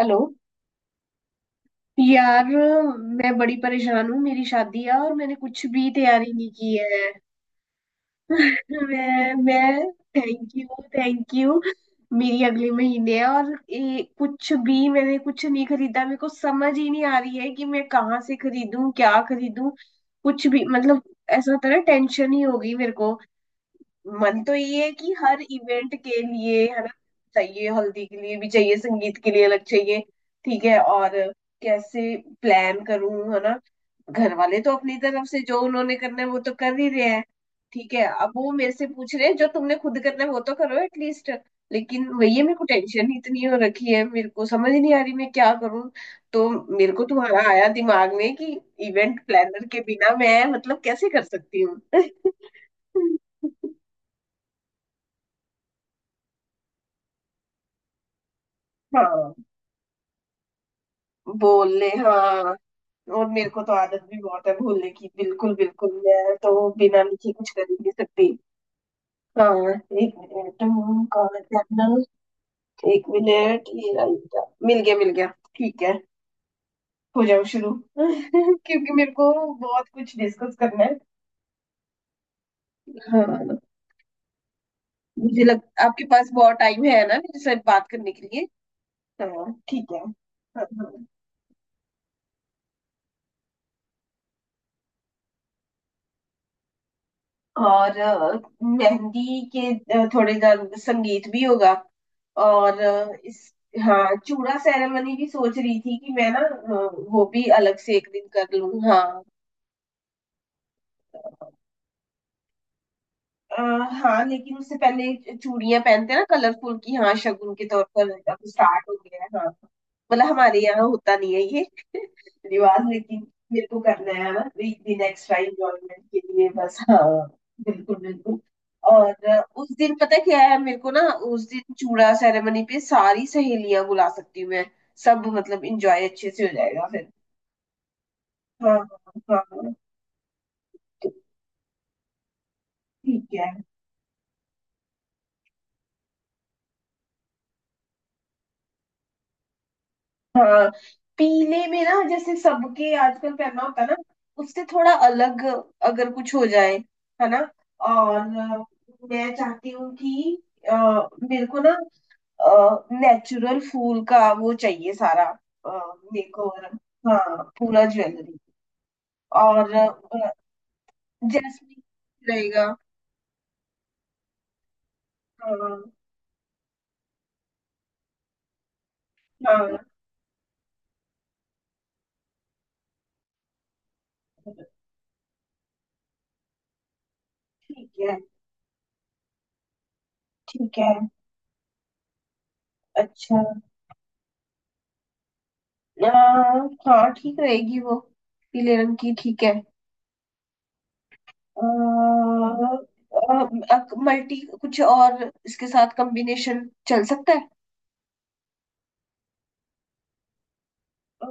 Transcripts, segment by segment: Hello यार, मैं बड़ी परेशान हूँ। मेरी शादी है और मैंने कुछ भी तैयारी नहीं की है। मैं थैंक यू। Thank you. मेरी अगले महीने है, और कुछ भी, मैंने कुछ नहीं खरीदा। मेरे को समझ ही नहीं आ रही है कि मैं कहाँ से खरीदूं, क्या खरीदूं। कुछ भी मतलब। ऐसा होता है ना, टेंशन ही हो गई मेरे को। मन तो ये है कि हर इवेंट के लिए है ना, चाहिए, हल्दी के लिए भी चाहिए, संगीत के लिए अलग चाहिए। ठीक है, और कैसे प्लान करूं, है ना। घर वाले तो अपनी तरफ से जो उन्होंने करना है वो तो कर ही रहे हैं। ठीक है, अब वो मेरे से पूछ रहे हैं जो तुमने खुद करना है वो तो करो एटलीस्ट। लेकिन वही है, मेरे को टेंशन ही इतनी हो रखी है, मेरे को समझ नहीं आ रही मैं क्या करूं। तो मेरे को तुम्हारा आया दिमाग में कि इवेंट प्लानर के बिना मैं, मतलब, कैसे कर सकती हूँ। हाँ, बोलने, हाँ। और मेरे को तो आदत भी बहुत है भूलने की, बिल्कुल बिल्कुल मैं तो बिना लिखे कुछ कर ही नहीं सकती। हाँ, एक मिनट। कहाँ है जर्नल। एक मिनट, ये रहा, ये रहा। मिल गया, मिल गया। ठीक है, हो जाओ शुरू क्योंकि मेरे को बहुत कुछ डिस्कस करना है। हाँ, मुझे लग आपके पास बहुत टाइम है ना मेरे साथ बात करने के लिए। हाँ, ठीक है, हाँ हाँ। और मेहंदी के, थोड़े गान, संगीत भी होगा। और इस। हाँ, चूड़ा सेरेमनी भी सोच रही थी कि मैं ना वो भी अलग से एक दिन कर लूँ, हाँ। आ, हाँ, लेकिन उससे पहले चूड़ियां पहनते हैं ना कलरफुल की, हाँ, शगुन के तौर पर अब स्टार्ट हो गया है, हाँ। मतलब हमारे यहाँ होता नहीं है ये रिवाज लेकिन। मेरे को करना है बस एक दिन, एक्स्ट्रा इंजॉयमेंट के लिए, बस, हाँ। बिल्कुल बिल्कुल। और उस दिन पता क्या है मेरे को ना, उस दिन चूड़ा सेरेमनी पे सारी सहेलियां बुला सकती हूँ मैं। सब मतलब इंजॉय अच्छे से हो जाएगा फिर। हाँ हाँ, हाँ, ठीक है, हाँ। पीले में ना जैसे सबके आजकल पहनना होता है ना, उससे थोड़ा अलग अगर कुछ हो जाए, है ना। और मैं चाहती हूँ कि अ, मेरे को ना नेचुरल फूल का वो चाहिए, सारा मेकओवर। हाँ, पूरा ज्वेलरी। और जैस्मिन रहेगा। हाँ, हाँ, ठीक है, ठीक है, अच्छा। अ, हाँ ठीक रहेगी वो, पीले रंग की, ठीक है। मल्टी कुछ और इसके साथ कॉम्बिनेशन चल सकता है। अ,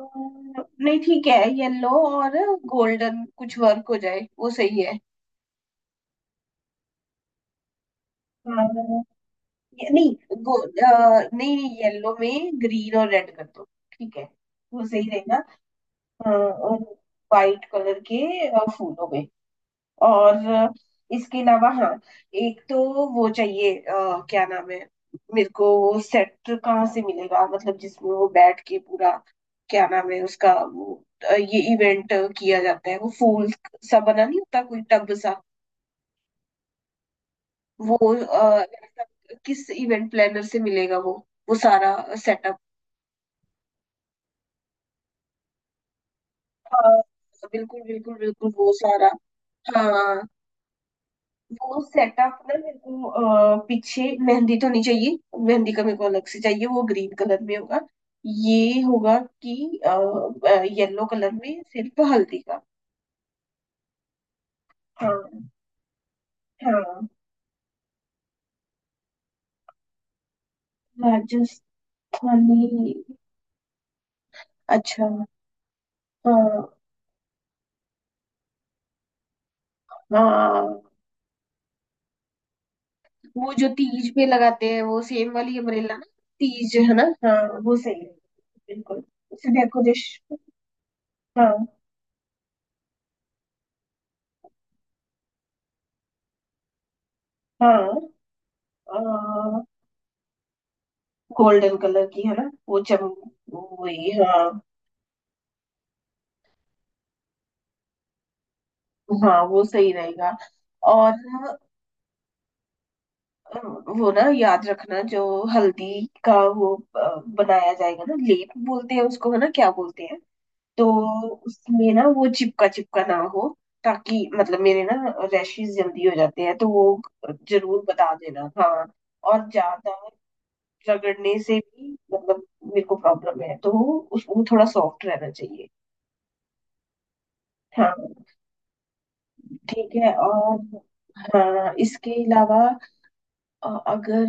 नहीं, ठीक है, येलो और गोल्डन कुछ वर्क हो जाए, वो सही है। हाँ, नहीं, नहीं नहीं, येलो में ग्रीन और रेड कर दो, ठीक है, वो सही रहेगा। और वाइट कलर के फूल हो गए, और इसके अलावा, हाँ, एक तो वो चाहिए, क्या नाम है, मेरे को वो सेट कहाँ से मिलेगा, मतलब जिसमें वो बैठ के पूरा, क्या नाम है उसका वो, ये इवेंट किया जाता है, वो फूल सा बना नहीं होता, कोई टब सा, वो अ, किस इवेंट प्लानर से मिलेगा वो सारा सेटअप। हाँ, बिल्कुल बिल्कुल बिल्कुल, वो सारा। हाँ, वो सेटअप ना मेरे को, पीछे मेहंदी तो नहीं चाहिए, मेहंदी का मेरे को अलग से चाहिए, वो ग्रीन कलर में होगा, ये होगा कि येलो कलर में सिर्फ हल्दी का। हाँ हाँ, राजस्थानी, अच्छा, हाँ हाँ। वो जो तीज पे लगाते हैं वो सेम वाली अम्ब्रेला ना, तीज है ना, हाँ वो सही है, बिल्कुल। उसे डेकोरेशन, हाँ हाँ। गोल्डन कलर की है ना वो चम, वही, हाँ हाँ, वो सही रहेगा। और अ, वो ना याद रखना, जो हल्दी का वो बनाया जाएगा ना, लेप बोलते हैं उसको, है ना, क्या बोलते हैं। तो उसमें ना वो चिपका चिपका ना हो, ताकि मतलब मेरे ना रैशेज जल्दी हो जाते हैं तो वो जरूर बता देना, हाँ। और ज्यादा रगड़ने से भी, मतलब मेरे को प्रॉब्लम है, तो उस वो थोड़ा सॉफ्ट रहना चाहिए। हाँ, ठीक है, और, हाँ, इसके अलावा अगर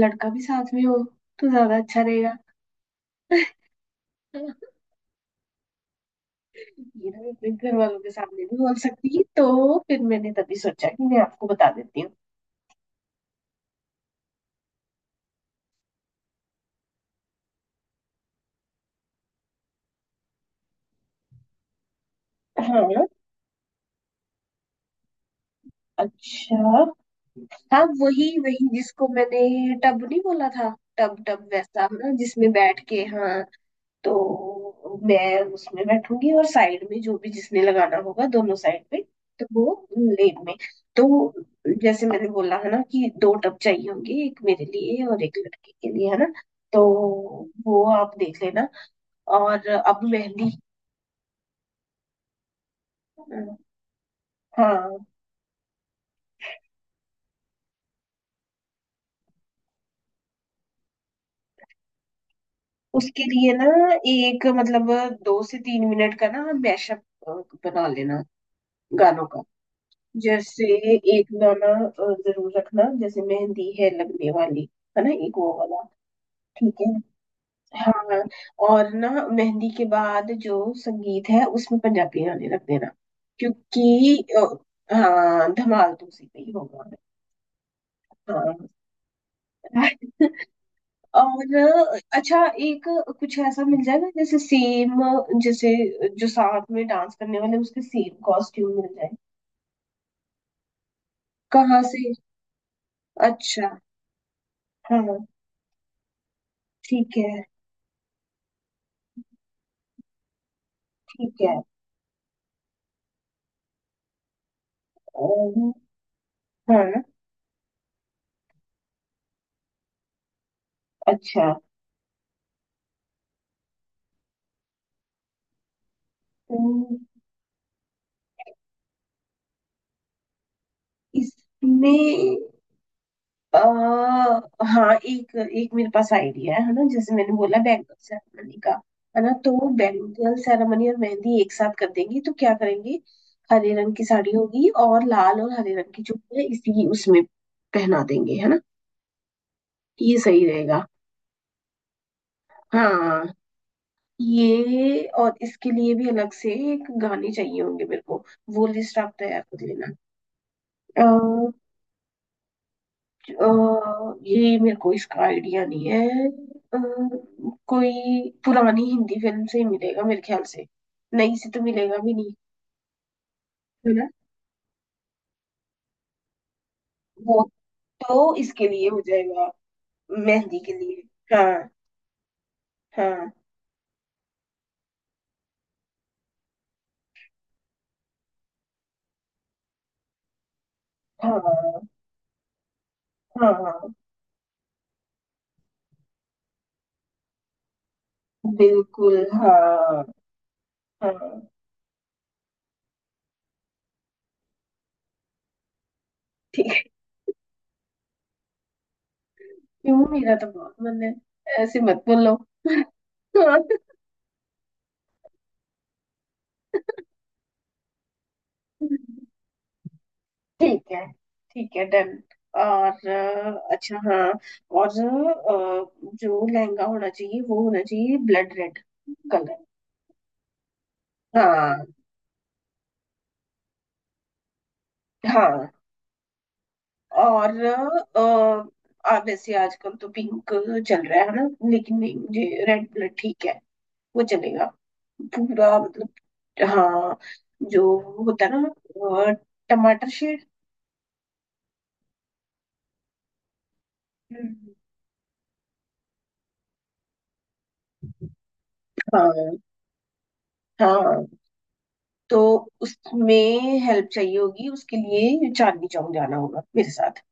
लड़का भी साथ में हो तो ज्यादा अच्छा रहेगा, है ना? ये ना मैं अपने घर वालों के सामने भी बोल सकती, तो फिर मैंने तभी सोचा कि मैं आपको बता देती हूँ। हाँ, अच्छा, हाँ, वही वही जिसको मैंने टब नहीं बोला था, टब टब वैसा है ना जिसमें बैठ के, हाँ। तो मैं उसमें बैठूंगी और साइड में जो भी जिसने लगाना होगा दोनों साइड पे, तो वो लेन में। तो जैसे मैंने बोला है ना कि दो टब चाहिए होंगे, एक मेरे लिए और एक लड़के के लिए, है ना। तो वो आप देख लेना। और अब मेहंदी, हाँ। उसके लिए ना, एक मतलब 2 से 3 मिनट का ना मैशअप बना लेना, गानों का। जैसे एक गाना जरूर रखना, जैसे मेहंदी है लगने वाली, है ना, एक वो वाला, ठीक है, हाँ। और ना मेहंदी के बाद जो संगीत है उसमें पंजाबी गाने रख देना, क्योंकि हाँ, धमाल तो उसी पे ही होगा, हाँ और अच्छा एक कुछ ऐसा मिल जाएगा, जैसे सेम जैसे जो साथ में डांस करने वाले उसके सेम कॉस्ट्यूम मिल जाए। कहाँ से। अच्छा, हाँ, ठीक है, ठीक है। अम, हाँ, अच्छा। अम, इसमें, अ, हाँ, एक एक मेरे पास आइडिया है ना, जैसे मैंने बोला बैंगल सेरेमनी का, है ना, तो बैंगल सेरेमनी और मेहंदी एक साथ कर देंगे तो क्या करेंगे, हरे रंग की साड़ी होगी और लाल और हरे रंग की चुन्नी इसी उसमें पहना देंगे, है ना, ये सही रहेगा। हाँ, ये और इसके लिए भी अलग से एक गाने चाहिए होंगे मेरे को, वो लिस्ट आप तैयार कर लेना। अ, ये मेरे को इसका आइडिया नहीं है, अ, कोई पुरानी हिंदी फिल्म से ही मिलेगा मेरे ख्याल से, नई से तो मिलेगा भी नहीं, है ना, वो तो इसके लिए हो जाएगा, मेहंदी के लिए, हाँ। हाँ हाँ हाँ, हाँ, बिल्कुल, हाँ हाँ, ठीक है। क्यों, मेरा तो बहुत मन है, ऐसे मत बोलो ठीक है, ठीक है, डन। और अच्छा, हाँ। और जो लहंगा होना चाहिए वो होना चाहिए ब्लड रेड कलर। हाँ हाँ। और वैसे आजकल तो पिंक चल रहा है ना, लेकिन नहीं, मुझे रेड ब्लड ठीक है, वो चलेगा, पूरा मतलब, हाँ, जो होता है ना अ, टमाटर शेड। हम्म, हाँ हाँ। तो उसमें हेल्प चाहिए होगी, उसके लिए चांदनी चौक जाना होगा मेरे साथ।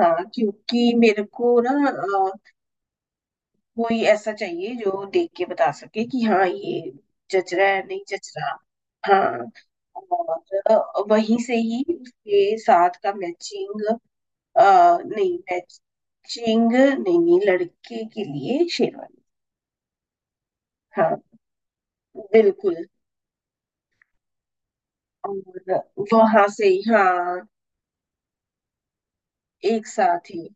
हाँ, क्योंकि मेरे को ना कोई ऐसा चाहिए जो देख के बता सके कि हाँ ये जच रहा है, नहीं जच रहा। हाँ, और वहीं से ही उसके साथ का मैचिंग, नहीं, मैचिंग, नहीं, लड़के के लिए शेरवानी, हाँ, बिल्कुल। और वहां से ही, हाँ, एक साथ ही।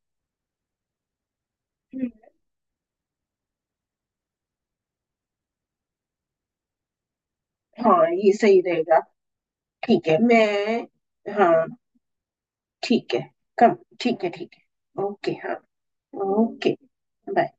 हम्म, हाँ, ये सही रहेगा। ठीक है, मैं, हाँ, ठीक है, कम, ठीक है, ठीक है, ओके, हाँ, ओके, बाय।